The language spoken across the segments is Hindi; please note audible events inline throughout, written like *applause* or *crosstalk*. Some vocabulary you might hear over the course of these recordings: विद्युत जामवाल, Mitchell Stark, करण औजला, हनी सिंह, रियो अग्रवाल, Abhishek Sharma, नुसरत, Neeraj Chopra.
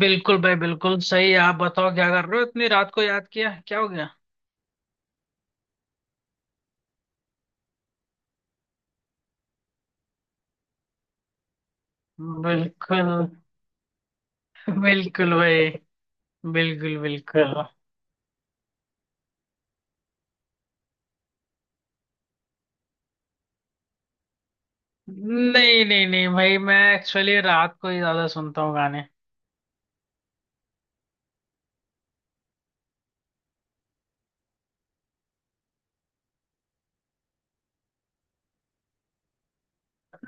बिल्कुल भाई, बिल्कुल सही। आप बताओ क्या कर रहे हो इतनी रात को? याद किया, क्या हो गया? बिल्कुल। *laughs* बिल्कुल भाई। बिल्कुल बिल्कुल नहीं नहीं नहीं भाई, मैं एक्चुअली रात को ही ज्यादा सुनता हूँ गाने।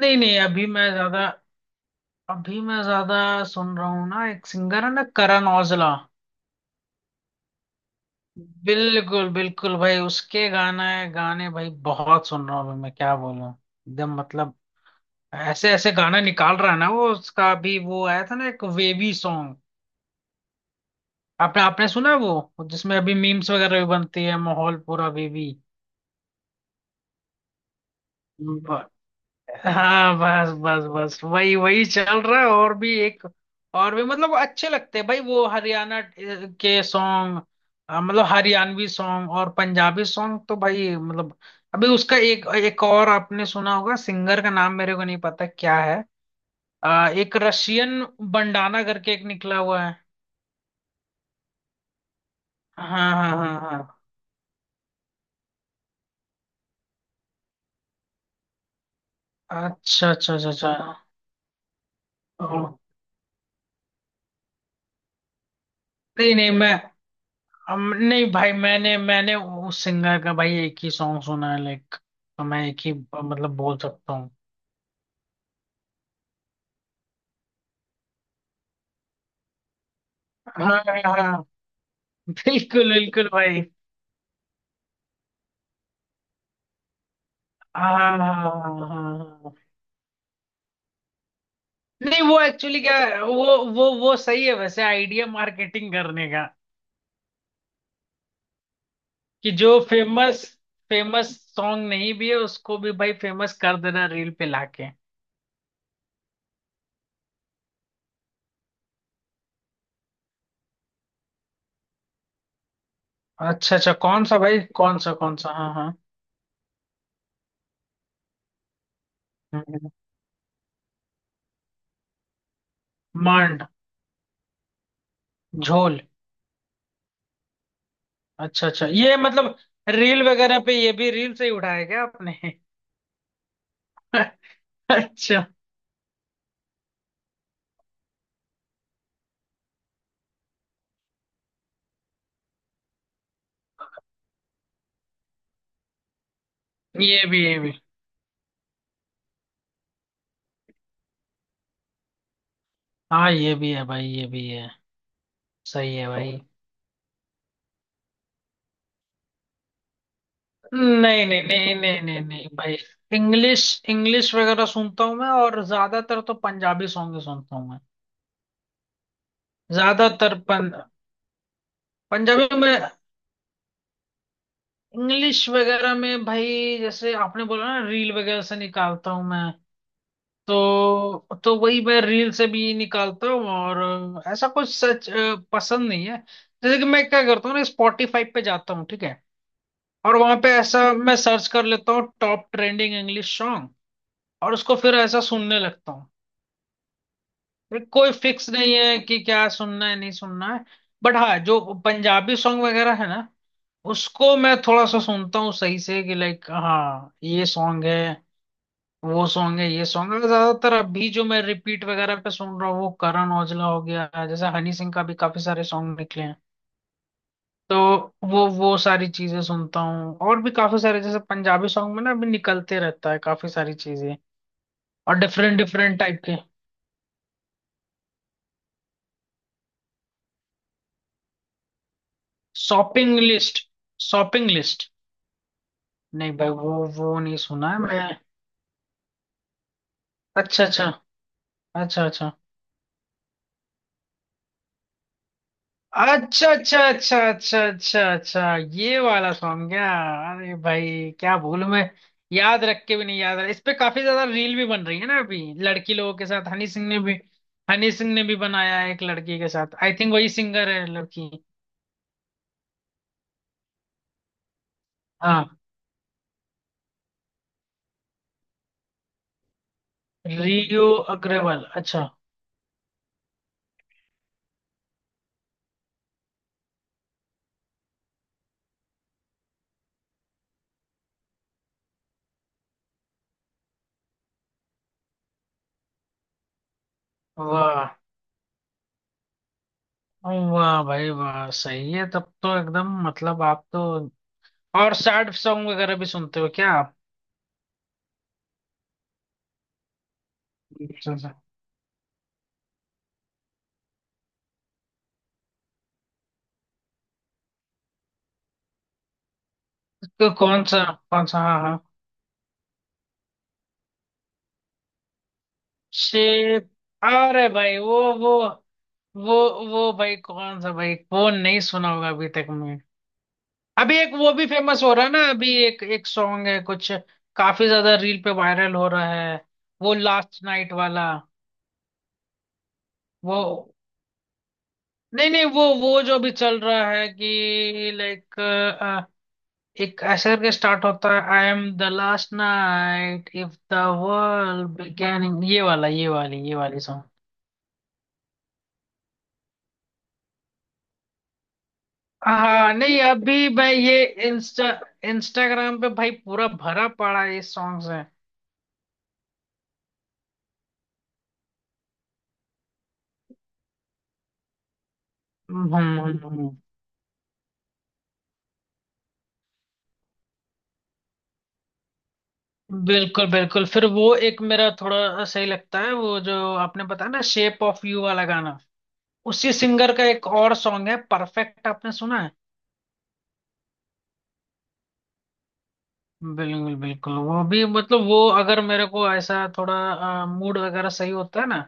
नहीं नहीं अभी मैं ज्यादा, अभी मैं ज्यादा सुन रहा हूँ ना, एक सिंगर है ना करण औजला। बिल्कुल बिल्कुल भाई, उसके गाना गाने भाई बहुत सुन रहा हूँ अभी मैं, क्या बोलूँ। एकदम मतलब ऐसे ऐसे गाना निकाल रहा है ना वो। उसका अभी वो आया था ना एक वेवी सॉन्ग। आपने आपने सुना है वो, जिसमें अभी मीम्स वगैरह भी बनती है, माहौल पूरा बेबी। ब- हाँ बस बस बस, वही वही चल रहा है। और भी एक, और भी मतलब अच्छे लगते हैं भाई वो हरियाणा के सॉन्ग। मतलब हरियाणवी सॉन्ग और पंजाबी सॉन्ग तो भाई मतलब, अभी उसका एक, एक और आपने सुना होगा। सिंगर का नाम मेरे को नहीं पता क्या है। एक रशियन बंडाना करके एक निकला हुआ है। हाँ हाँ हाँ हाँ अच्छा अच्छा अच्छा अच्छा। ओह, नहीं नहीं मैं हम नहीं भाई, मैंने मैंने उस सिंगर का भाई एक ही सॉन्ग सुना है लाइक। तो मैं एक ही मतलब बोल सकता हूँ। हाँ। हाँ बिल्कुल बिल्कुल भाई। हाँ हाँ हाँ, हाँ। नहीं, वो एक्चुअली क्या है, वो सही है वैसे आइडिया, मार्केटिंग करने का। कि जो फेमस, फेमस सॉन्ग नहीं भी है उसको भी भाई फेमस कर देना रील पे लाके। अच्छा अच्छा, कौन सा भाई, कौन सा? हाँ हाँ। हम्म। मांड। झोल। अच्छा अच्छा, ये मतलब रील वगैरह पे, ये भी रील से ही उठाया क्या आपने? *laughs* अच्छा। ये भी हाँ ये भी है भाई, ये भी है। सही है भाई। नहीं नहीं नहीं नहीं नहीं नहीं भाई, इंग्लिश इंग्लिश वगैरह सुनता हूँ मैं, और ज्यादातर तो पंजाबी सॉन्ग ही सुनता हूँ मैं। ज्यादातर पं, पंजाबी में, इंग्लिश वगैरह में भाई जैसे आपने बोला ना रील वगैरह से निकालता हूँ मैं। तो वही मैं रील से भी निकालता हूँ, और ऐसा कुछ सच पसंद नहीं है। जैसे कि मैं क्या करता हूँ ना, स्पॉटिफाई पे जाता हूँ ठीक है, और वहां पे ऐसा मैं सर्च कर लेता हूँ टॉप ट्रेंडिंग इंग्लिश सॉन्ग, और उसको फिर ऐसा सुनने लगता हूँ। फिर कोई फिक्स नहीं है कि क्या सुनना है नहीं सुनना है। बट हाँ, जो पंजाबी सॉन्ग वगैरह है ना, उसको मैं थोड़ा सा सुनता हूँ सही से कि लाइक हाँ ये सॉन्ग है, वो सॉन्ग है, ये सॉन्ग है। ज्यादातर अभी जो मैं रिपीट वगैरह पे सुन रहा हूँ वो करण औजला हो गया, जैसे हनी सिंह का भी काफी सारे सॉन्ग निकले हैं। तो वो सारी चीजें सुनता हूँ। और भी काफी सारे जैसे पंजाबी सॉन्ग में ना अभी निकलते रहता है काफी सारी चीजें, और डिफरेंट डिफरेंट टाइप के। Shopping list. शॉपिंग लिस्ट नहीं भाई, वो नहीं सुना है मैं। अच्छा अच्छा अच्छा अच्छा अच्छा अच्छा अच्छा अच्छा अच्छा अच्छा, ये वाला सॉन्ग क्या? अरे भाई, क्या भूल मैं, याद रख के भी नहीं याद रहा। इस पे काफी ज्यादा रील भी बन रही है ना अभी लड़की लोगों के साथ। हनी सिंह ने भी बनाया है एक लड़की के साथ, आई थिंक वही सिंगर है लड़की। हाँ। रियो अग्रवाल, अच्छा। वाह, वाह भाई वाह, सही है तब तो एकदम, मतलब आप तो। और सैड सॉन्ग वगैरह भी सुनते हो क्या आप? तो कौन सा कौन सा? हाँ हाँ। शेप, अरे भाई वो, वो वो भाई कौन सा भाई, कौन नहीं सुना होगा अभी तक में। अभी एक वो भी फेमस हो रहा है ना अभी, एक एक सॉन्ग है कुछ, काफी ज्यादा रील पे वायरल हो रहा है, वो लास्ट नाइट वाला। वो नहीं नहीं वो जो अभी चल रहा है कि लाइक, एक ऐसे करके स्टार्ट होता है, I am the last night if the world beginning, ये वाला, ये वाली। हाँ नहीं, अभी मैं ये इंस्टाग्राम पे भाई पूरा भरा पड़ा है ये सॉन्ग है। हम्म हम्म, हम्म। बिल्कुल बिल्कुल, फिर वो एक मेरा थोड़ा सही लगता है वो, जो आपने बताया ना शेप ऑफ यू वाला गाना, उसी सिंगर का एक और सॉन्ग है परफेक्ट, आपने सुना है? बिल्कुल बिल्कुल, वो भी मतलब, वो अगर मेरे को ऐसा थोड़ा मूड वगैरह सही होता है ना,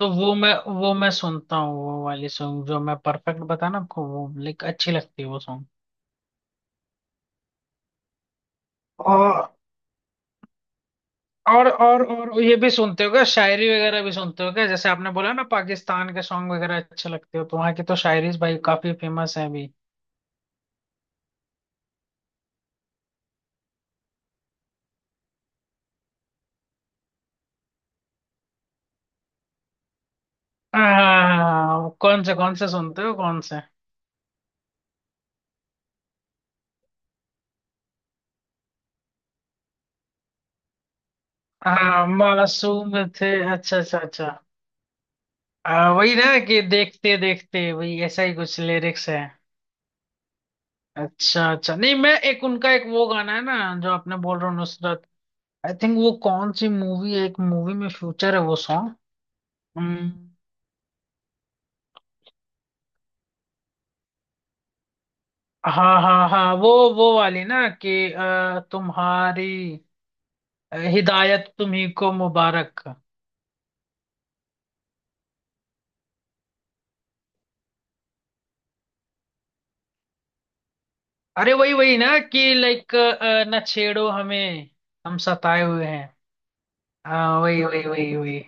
तो वो मैं सुनता हूँ वो वाली सॉन्ग, जो मैं परफेक्ट बताया ना आपको, वो लाइक अच्छी लगती है वो सॉन्ग। और ये भी सुनते हो क्या, शायरी वगैरह भी सुनते हो क्या? जैसे आपने बोला ना पाकिस्तान के सॉन्ग वगैरह अच्छे लगते हो, तो वहाँ की तो शायरी भाई काफी फेमस है अभी। हाँ, कौन से सुनते हो, कौन से? हाँ मासूम थे। अच्छा अच्छा अच्छा। वही ना कि देखते देखते, वही ऐसा ही कुछ लिरिक्स है। अच्छा अच्छा। नहीं, मैं एक उनका एक वो गाना है ना, जो आपने बोल रहे हो नुसरत, आई थिंक वो कौन सी मूवी है, एक मूवी में फ्यूचर है वो सॉन्ग। हाँ हाँ हाँ, वो वाली ना कि तुम्हारी हिदायत तुम्ही को मुबारक। अरे वही वही ना कि लाइक, न छेड़ो हमें, हम सताए हुए हैं। हाँ वही वही वही वही,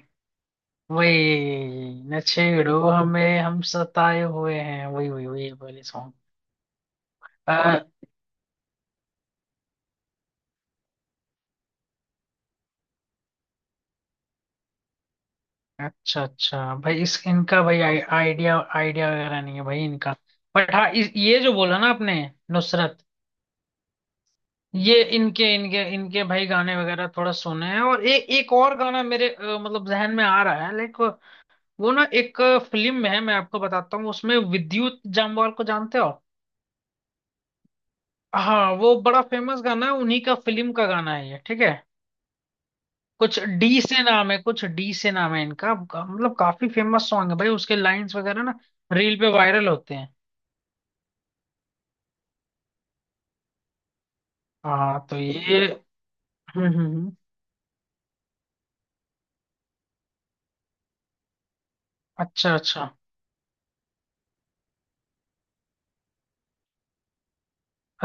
वही न छेड़ो हमें हम सताए हुए हैं, वही वही वही वाली सॉन्ग। अच्छा अच्छा भाई, इस इनका भाई, आइडिया आइडिया वगैरह नहीं है भाई इनका। बट हाँ ये जो बोला ना आपने, नुसरत, ये इनके इनके इनके भाई गाने वगैरह थोड़ा सुने हैं। और एक और गाना मेरे मतलब जहन में आ रहा है लाइक, वो ना एक फिल्म में है, मैं आपको बताता हूँ, उसमें विद्युत जामवाल को जानते हो। हाँ, वो बड़ा फेमस गाना है, उन्हीं का फिल्म का गाना है ये, ठीक है। कुछ डी से नाम है, इनका, मतलब काफी फेमस सॉन्ग है भाई, उसके लाइंस वगैरह ना रील पे वायरल होते हैं। हाँ तो ये, हम्म हम्म हम्म। अच्छा अच्छा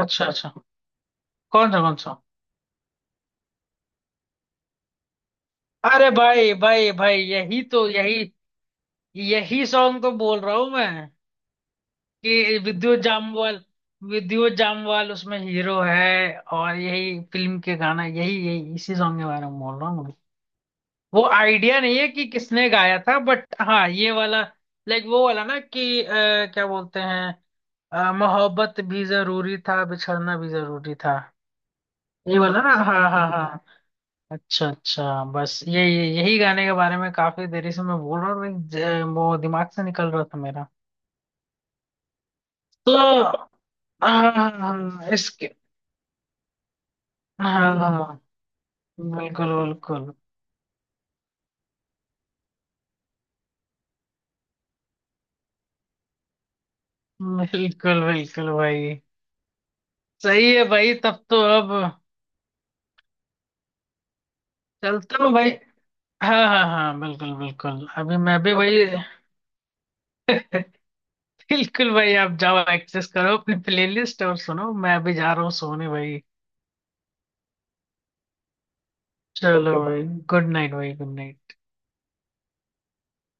अच्छा अच्छा, कौन सा? अरे भाई भाई भाई, यही तो, यही यही सॉन्ग तो बोल रहा हूँ मैं। कि विद्युत जामवाल उसमें हीरो है, और यही फिल्म के गाना, यही यही इसी सॉन्ग के बारे में बोल रहा हूँ मैं। वो आइडिया नहीं है कि किसने गाया था, बट हाँ ये वाला, लाइक वो वाला ना कि क्या बोलते हैं, मोहब्बत भी जरूरी था, बिछड़ना भी जरूरी था, ये वाला ना। हाँ हाँ हाँ। हाँ। अच्छा अच्छा, बस ये, यही गाने के बारे में काफी देरी से मैं बोल रहा हूँ like, वो दिमाग से निकल रहा था मेरा। तो हाँ इसके। हाँ बिल्कुल बिल्कुल। बिल्कुल बिल्कुल भाई, सही है भाई, तब तो अब चलता हूँ भाई। हाँ हाँ हाँ, बिल्कुल बिल्कुल, अभी मैं भी भाई। बिल्कुल भाई, आप जाओ, एक्सेस करो अपनी प्लेलिस्ट और सुनो, मैं अभी जा रहा हूँ सोने भाई। चलो भाई, गुड नाइट भाई, गुड नाइट।